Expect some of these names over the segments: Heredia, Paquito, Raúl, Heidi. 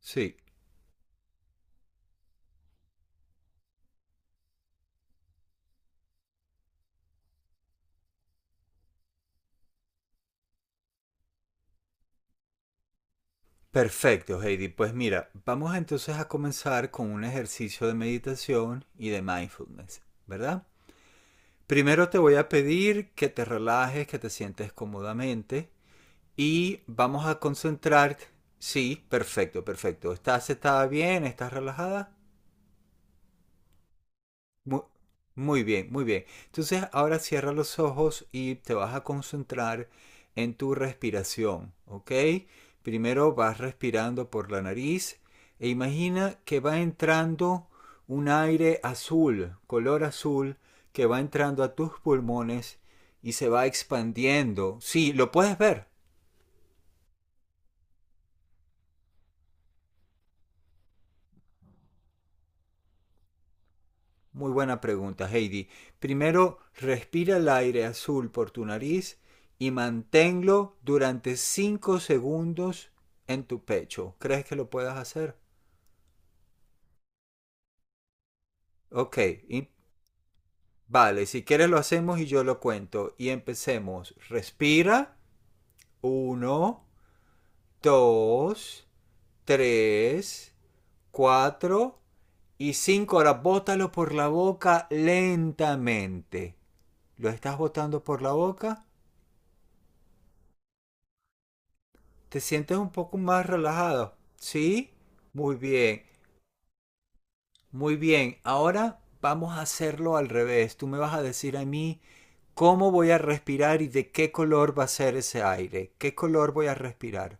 Sí, perfecto, Heidi. Pues mira, vamos entonces a comenzar con un ejercicio de meditación y de mindfulness, ¿verdad? Primero te voy a pedir que te relajes, que te sientes cómodamente y vamos a concentrar. Sí, perfecto, perfecto. ¿Estás sentada bien? ¿Estás relajada? Mu- Muy bien, muy bien. Entonces ahora cierra los ojos y te vas a concentrar en tu respiración, ¿ok? Primero vas respirando por la nariz e imagina que va entrando un aire azul, color azul, que va entrando a tus pulmones y se va expandiendo. Sí, lo puedes ver. Muy buena pregunta, Heidi. Primero, respira el aire azul por tu nariz y manténlo durante 5 segundos en tu pecho. ¿Crees que lo puedas hacer? Ok, y- vale, si quieres lo hacemos y yo lo cuento. Y empecemos. Respira. Uno, 2, 3, 4 y 5. Ahora bótalo por la boca lentamente. ¿Lo estás botando por la boca? ¿Te sientes un poco más relajado? ¿Sí? Muy bien, muy bien. Ahora vamos a hacerlo al revés. Tú me vas a decir a mí cómo voy a respirar y de qué color va a ser ese aire. ¿Qué color voy a respirar?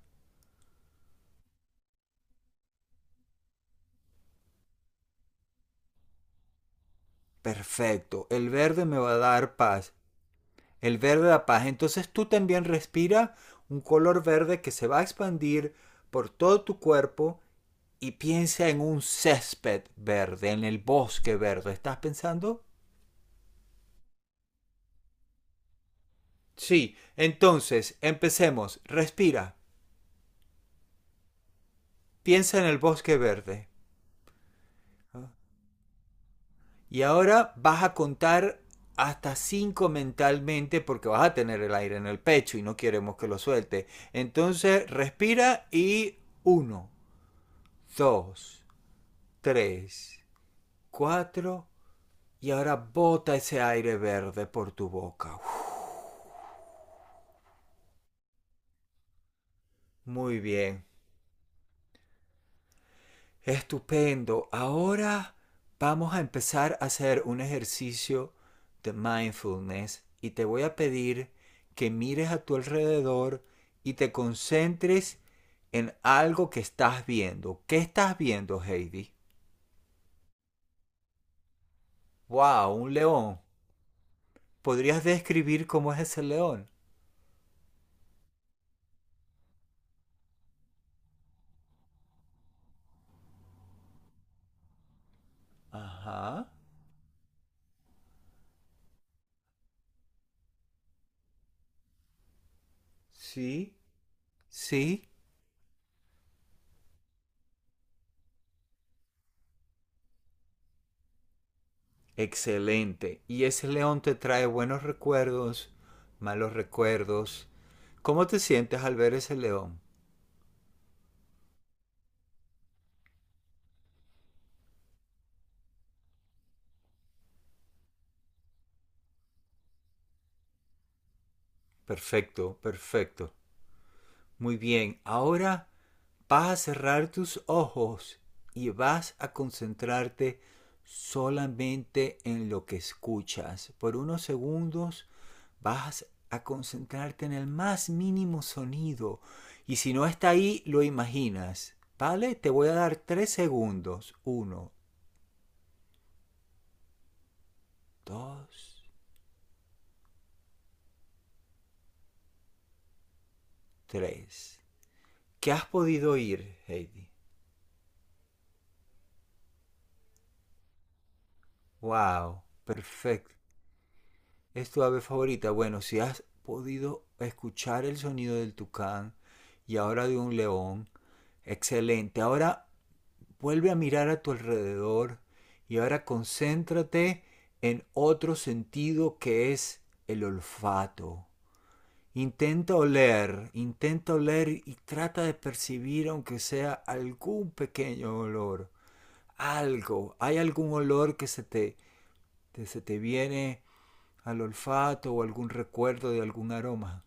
Perfecto. El verde me va a dar paz. El verde da paz. Entonces tú también respira un color verde que se va a expandir por todo tu cuerpo y piensa en un césped verde, en el bosque verde. ¿Estás pensando? Sí, entonces, empecemos. Respira. Piensa en el bosque verde. Y ahora vas a contar hasta 5 mentalmente porque vas a tener el aire en el pecho y no queremos que lo suelte. Entonces, respira y uno, 2, 3, 4 y ahora bota ese aire verde por tu boca. Muy bien. Estupendo. Ahora vamos a empezar a hacer un ejercicio de mindfulness y te voy a pedir que mires a tu alrededor y te concentres en algo que estás viendo. ¿Qué estás viendo, Heidi? Wow, un león. ¿Podrías describir cómo es ese león? Ajá. Sí. Sí. Excelente. ¿Y ese león te trae buenos recuerdos, malos recuerdos? ¿Cómo te sientes al ver ese león? Perfecto, perfecto. Muy bien, ahora vas a cerrar tus ojos y vas a concentrarte solamente en lo que escuchas. Por unos segundos vas a concentrarte en el más mínimo sonido y si no está ahí lo imaginas. ¿Vale? Te voy a dar 3 segundos. Uno, dos, tres. ¿Qué has podido oír, Heidi? ¡Wow! Perfecto. ¿Es tu ave favorita? Bueno, si has podido escuchar el sonido del tucán y ahora de un león, excelente. Ahora vuelve a mirar a tu alrededor y ahora concéntrate en otro sentido que es el olfato. Intenta oler y trata de percibir aunque sea algún pequeño olor, algo. Hay algún olor que que se te viene al olfato o algún recuerdo de algún aroma.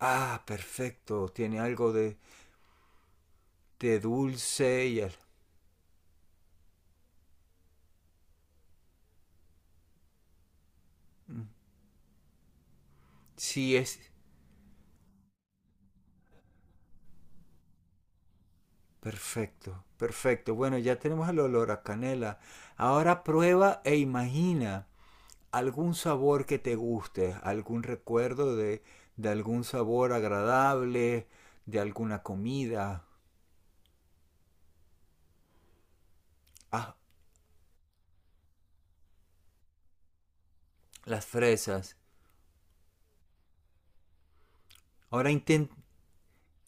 Ah, perfecto, tiene algo de dulce y al... sí es perfecto, perfecto. Bueno, ya tenemos el olor a canela. Ahora prueba e imagina algún sabor que te guste, algún recuerdo de algún sabor agradable, de alguna comida. Ah, las fresas. Ahora intenta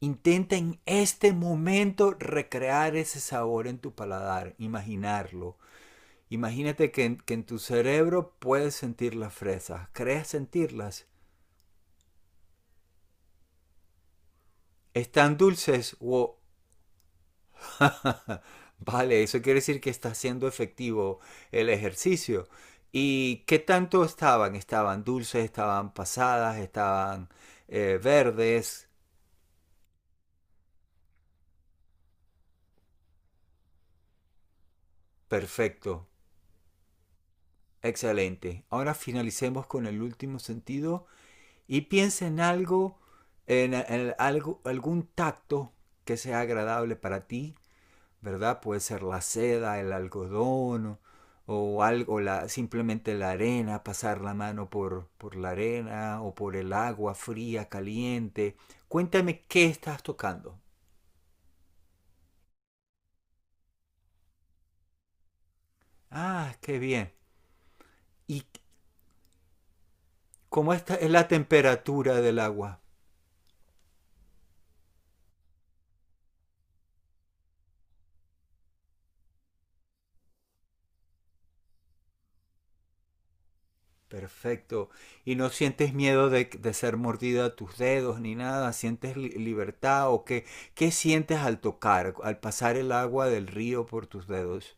intenta en este momento recrear ese sabor en tu paladar, imaginarlo. Imagínate que en, tu cerebro puedes sentir las fresas, crees sentirlas. ¿Están dulces? ¡Wow! Vale, eso quiere decir que está siendo efectivo el ejercicio. ¿Y qué tanto estaban? Estaban dulces, estaban pasadas, estaban verdes. Perfecto, excelente. Ahora finalicemos con el último sentido y piensa en algo, en algo, algún tacto que sea agradable para ti, ¿verdad? Puede ser la seda, el algodón o, algo, la, simplemente la arena, pasar la mano por, la arena o por el agua fría, caliente. Cuéntame qué estás tocando. Ah, qué bien. ¿Y cómo está, es la temperatura del agua? Perfecto. ¿Y no sientes miedo de ser mordida a tus dedos ni nada? ¿Sientes libertad o qué? ¿Qué sientes al tocar, al pasar el agua del río por tus dedos?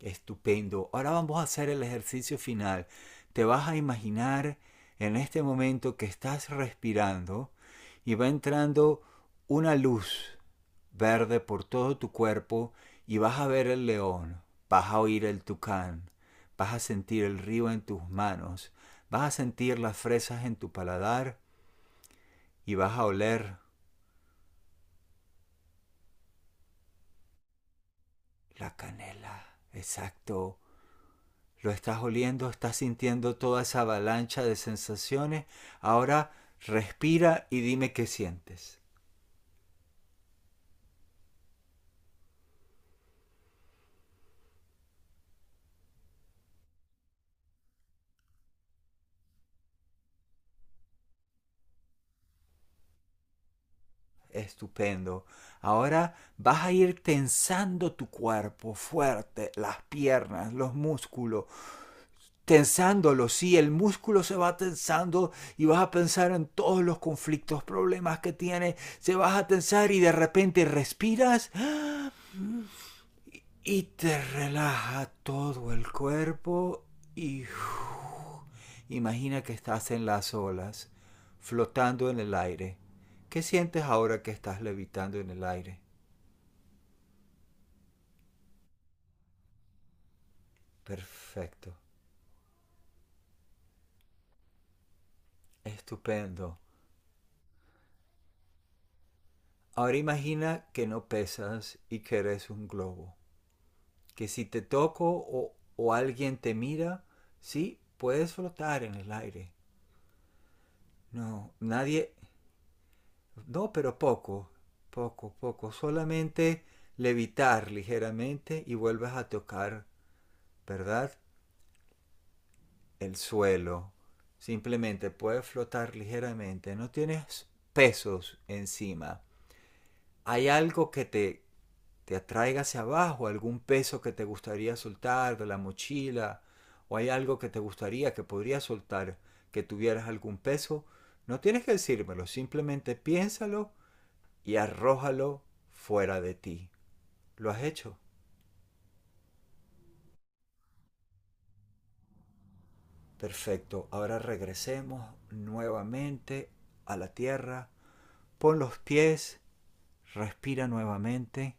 Estupendo. Ahora vamos a hacer el ejercicio final. Te vas a imaginar en este momento que estás respirando y va entrando una luz verde por todo tu cuerpo y vas a ver el león, vas a oír el tucán, vas a sentir el río en tus manos, vas a sentir las fresas en tu paladar y vas a oler la canela. Exacto. Lo estás oliendo, estás sintiendo toda esa avalancha de sensaciones. Ahora respira y dime qué sientes. Estupendo. Ahora vas a ir tensando tu cuerpo fuerte, las piernas, los músculos, tensándolo, sí, el músculo se va tensando y vas a pensar en todos los conflictos, problemas que tiene, se vas a tensar y de repente respiras y te relaja todo el cuerpo y uff, imagina que estás en las olas, flotando en el aire. ¿Qué sientes ahora que estás levitando en el aire? Perfecto, estupendo. Ahora imagina que no pesas y que eres un globo, que si te toco o alguien te mira, sí, puedes flotar en el aire. No, nadie, no, pero poco, poco, poco, solamente levitar ligeramente y vuelves a tocar, ¿verdad? El suelo. Simplemente puedes flotar ligeramente, no tienes pesos encima. Hay algo que te atraiga hacia abajo, algún peso que te gustaría soltar de la mochila o hay algo que te gustaría que podrías soltar que tuvieras algún peso, no tienes que decírmelo, simplemente piénsalo y arrójalo fuera de ti. ¿Lo has hecho? Perfecto. Ahora regresemos nuevamente a la tierra. Pon los pies, respira nuevamente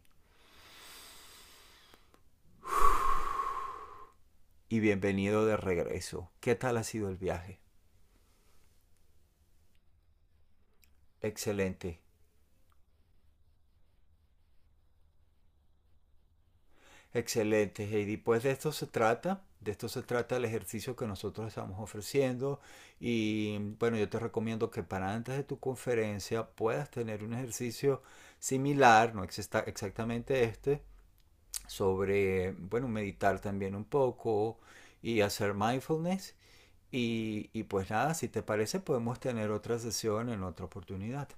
y bienvenido de regreso. ¿Qué tal ha sido el viaje? Excelente. Excelente, Heidi. Pues de esto se trata, de esto se trata el ejercicio que nosotros estamos ofreciendo y bueno, yo te recomiendo que para antes de tu conferencia puedas tener un ejercicio similar, no exactamente este, sobre, bueno, meditar también un poco y hacer mindfulness. Y pues nada, si te parece, podemos tener otra sesión en otra oportunidad.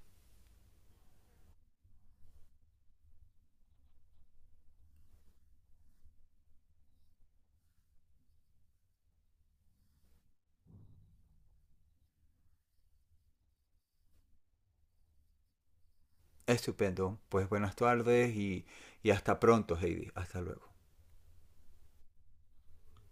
Estupendo. Pues buenas tardes y hasta pronto, Heidi. Hasta luego.